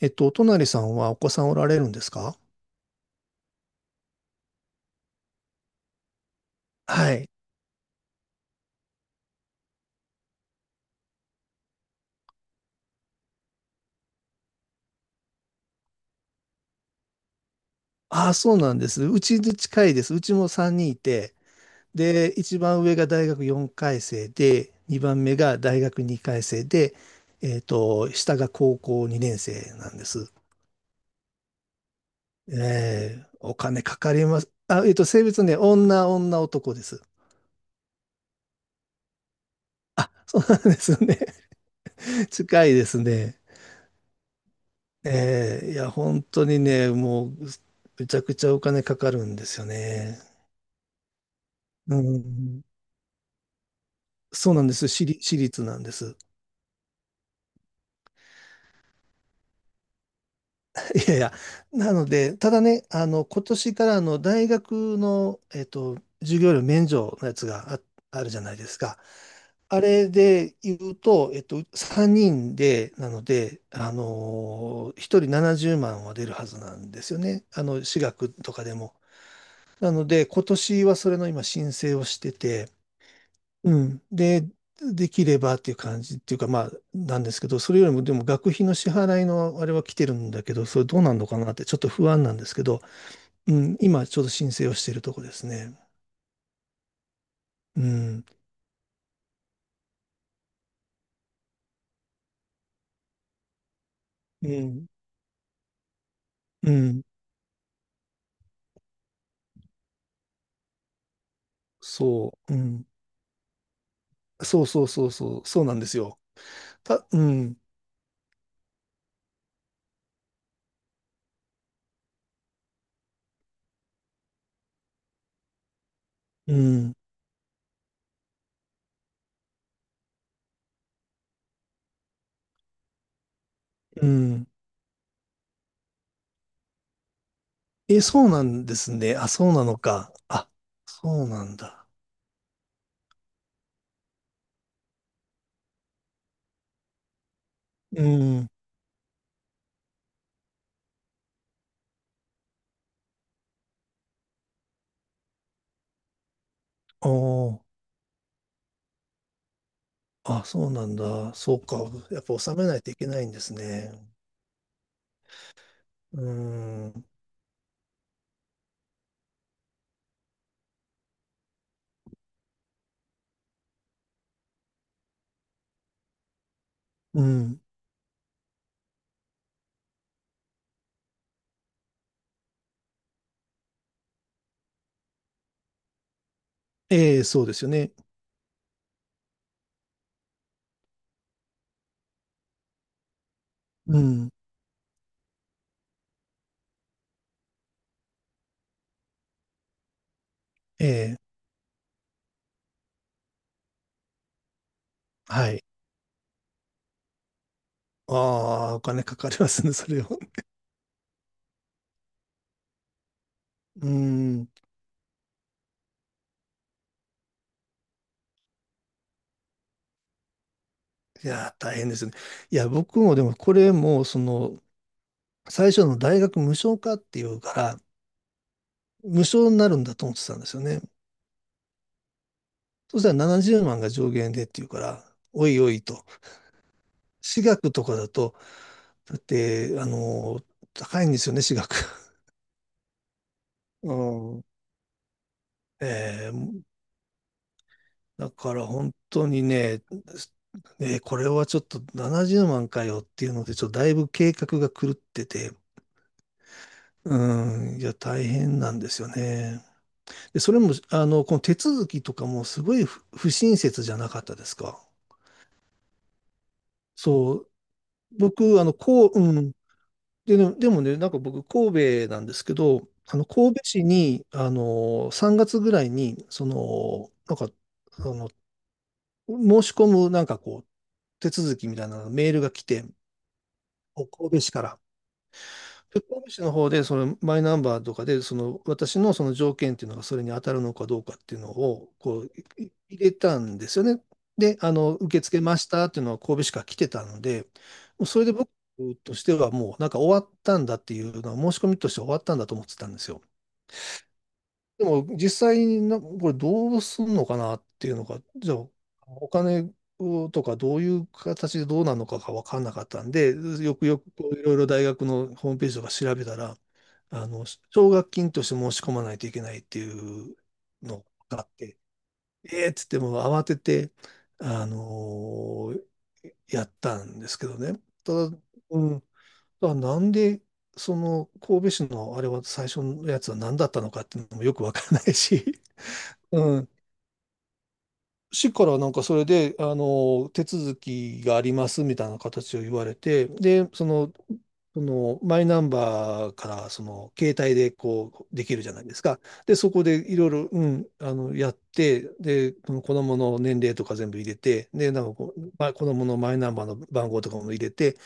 お隣さんはお子さんおられるんですか？はい。ああ、そうなんです。うちで近いです。うちも3人いて、で、一番上が大学4回生で、2番目が大学2回生で、下が高校2年生なんです。えお金かかります。あ、性別ね、女、女、男です。あ、そうなんですね。近いですね。いや、本当にね、もう、めちゃくちゃお金かかるんですよね。うん。そうなんです。私立、私立なんです。いやいや。なので、ただね、今年からあの大学の、授業料免除のやつがあるじゃないですか。あれで言うと、3人で、なので、1人70万は出るはずなんですよね。私学とかでも。なので、今年はそれの今申請をしてて、うん。で、できればっていう感じっていうか、まあ、なんですけど、それよりも、でも学費の支払いのあれは来てるんだけど、それどうなんのかなってちょっと不安なんですけど、うん、今ちょうど申請をしているとこですね。うん、うん、うん、そう、うん、そうそうそうそう、そうなんですよ。うん、うん、うん。え、そうなんですね。あ、そうなのか。あ、そうなんだ。うん、おー、あ、そうなんだ。そうか。やっぱ納めないといけないんですね。うーん。うん。ええ、そうですよね。うん。ええ、はい。ああ、お金かかりますね、それを。うん。いやー、大変ですね。いや、僕もでも、これも、最初の大学無償化っていうから、無償になるんだと思ってたんですよね。そしたら70万が上限でっていうから、おいおいと。私学とかだと、だって、高いんですよね、私学。うん。ええ、だから本当にね、これはちょっと70万かよっていうので、ちょっとだいぶ計画が狂ってて、うん、いや、大変なんですよね。で、それも、この手続きとかもすごい不親切じゃなかったですか？そう、僕、こう、うん、でね、でもね、なんか僕、神戸なんですけど、神戸市に、3月ぐらいに、なんか、あの、申し込む、なんかこう、手続きみたいなメールが来て、神戸市から。で、神戸市の方で、そのマイナンバーとかで、その私のその条件っていうのがそれに当たるのかどうかっていうのを、こう、入れたんですよね。で、受け付けましたっていうのは神戸市から来てたので、もうそれで僕としてはもうなんか終わったんだっていうのは、申し込みとして終わったんだと思ってたんですよ。でも実際にな、これどうすんのかなっていうのが、じゃあお金をとかどういう形でどうなのかが分かんなかったんで、よくよくこういろいろ大学のホームページとか調べたら、奨学金として申し込まないといけないっていうのがあって、ええっつってもう慌てて、あのやったんですけどね。ただ、うん、だからなんで、その神戸市のあれは最初のやつは何だったのかっていうのもよくわからないし、うん。市からなんかそれで、手続きがありますみたいな形を言われて、で、そのマイナンバーからその携帯でこうできるじゃないですか。で、そこでいろいろ、うん、やって、で、この子供の年齢とか全部入れて、で、なんかこう、まあ、子供のマイナンバーの番号とかも入れて、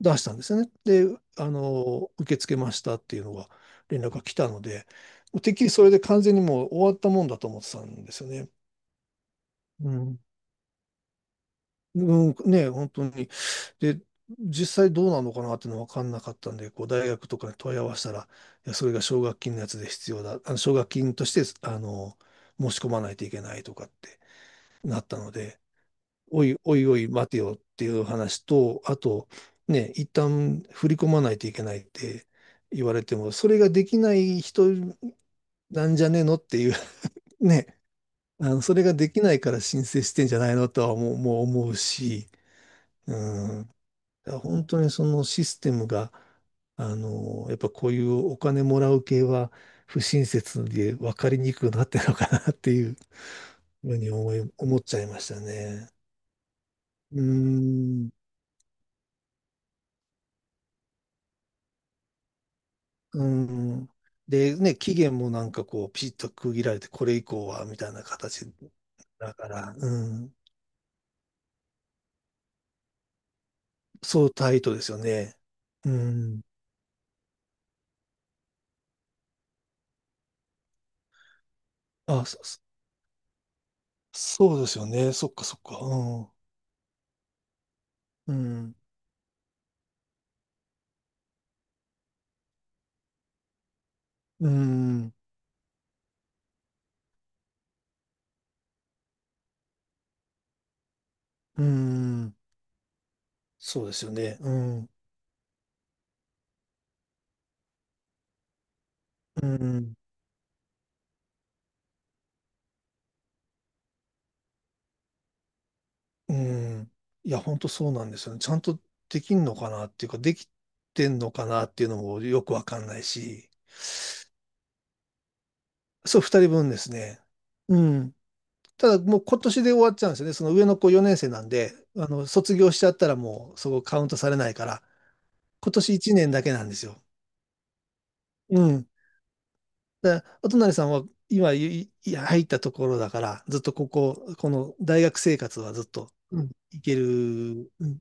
出したんですよね。で、受け付けましたっていうのが連絡が来たので、もうてっきりそれで完全にもう終わったもんだと思ってたんですよね。うん。うん、ね、本当に。で、実際どうなのかなっていうのは分かんなかったんで、こう大学とかに問い合わせたら、いや、それが奨学金のやつで必要だ。あの奨学金として、あの、申し込まないといけないとかってなったので、おいおいおい待てよっていう話と、あと、ね、一旦振り込まないといけないって言われても、それができない人なんじゃねえのっていう、ね、それができないから申請してんじゃないのとはもう、思うし、うん、だから本当にそのシステムが、やっぱこういうお金もらう系は不親切で分かりにくくなってるのかなっていうふうに思っちゃいましたね。うーん。うん。で、ね、期限もなんかこう、ピシッと区切られて、これ以降は、みたいな形だから、うん。そうタイトですよね。うん。あ、そうですよね。そっかそっか。うん。うん。うん。うん、そうですよね。うん。うん。うん。いや、本当そうなんですよね。ちゃんとできんのかなっていうか、できてんのかなっていうのもよくわかんないし。そう、二人分ですね。うん。ただもう今年で終わっちゃうんですよね。その上の子4年生なんで、卒業しちゃったらもうそこカウントされないから、今年1年だけなんですよ。うん。だからお隣さんは今入ったところだから、ずっとここ、この大学生活はずっと、うん、いける。うん。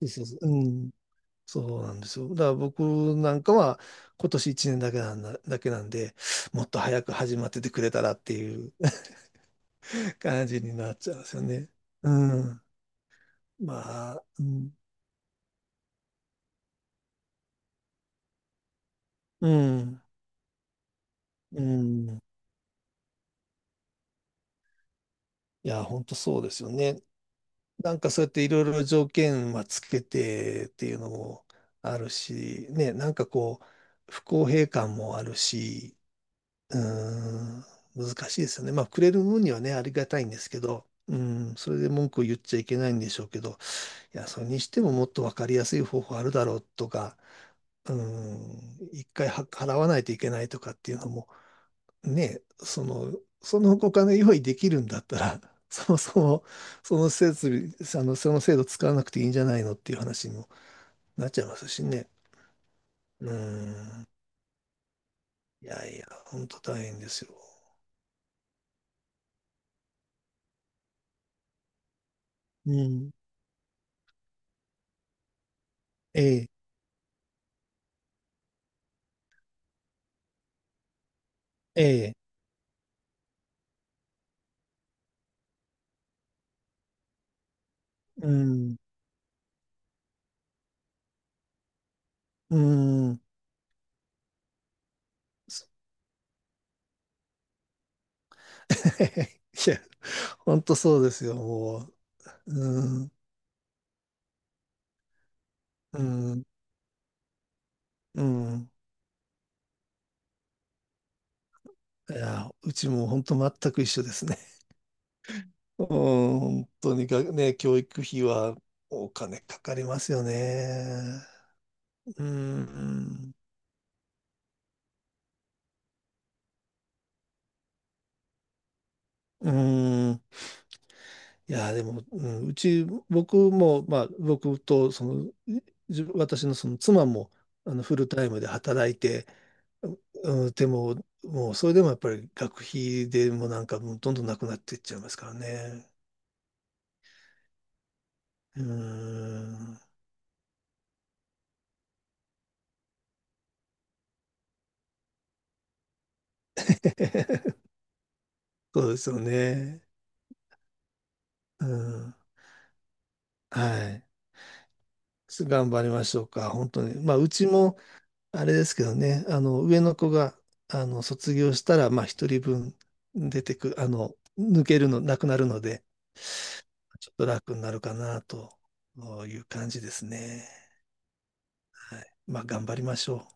そうそうそう、うん。そうなんですよ。だから僕なんかは今年1年だけなんで、もっと早く始まっててくれたらっていう 感じになっちゃうんですよね。うん。まあ、うんうん、うん。いや、本当そうですよね。なんかそうやっていろいろ条件はつけてっていうのもあるし、ね、なんかこう、不公平感もあるし、うーん、難しいですよね。まあ、くれる分にはね、ありがたいんですけど、うん、それで文句を言っちゃいけないんでしょうけど、いや、それにしてももっと分かりやすい方法あるだろうとか、うん、一回は払わないといけないとかっていうのも、ね、その、そのお金用意できるんだったら、そもそも、その設備、その制度使わなくていいんじゃないのっていう話にもなっちゃいますしね。うん。いやいや、本当大変ですよ。うん。ええ、ええ、うん、うん。いや、本当そうですよ、もう。うん、うん、うん。いや、うちも本当全く一緒ですね。うん、本当にがね、教育費はお金かかりますよね。うん、うん。いや、でも、うん、うち、僕も、まあ、僕と、その、自分私のその妻も、フルタイムで働いて、うん、でも、もう、それでもやっぱり学費でもなんか、もうどんどんなくなっていっちゃいますからね。うん。そうですよね。うん。はい。頑張りましょうか、本当に。まあ、うちも、あれですけどね、上の子が、卒業したら、まあ、一人分出てく、抜けるの、なくなるので、ちょっと楽になるかな、という感じですね。はい。まあ、頑張りましょう。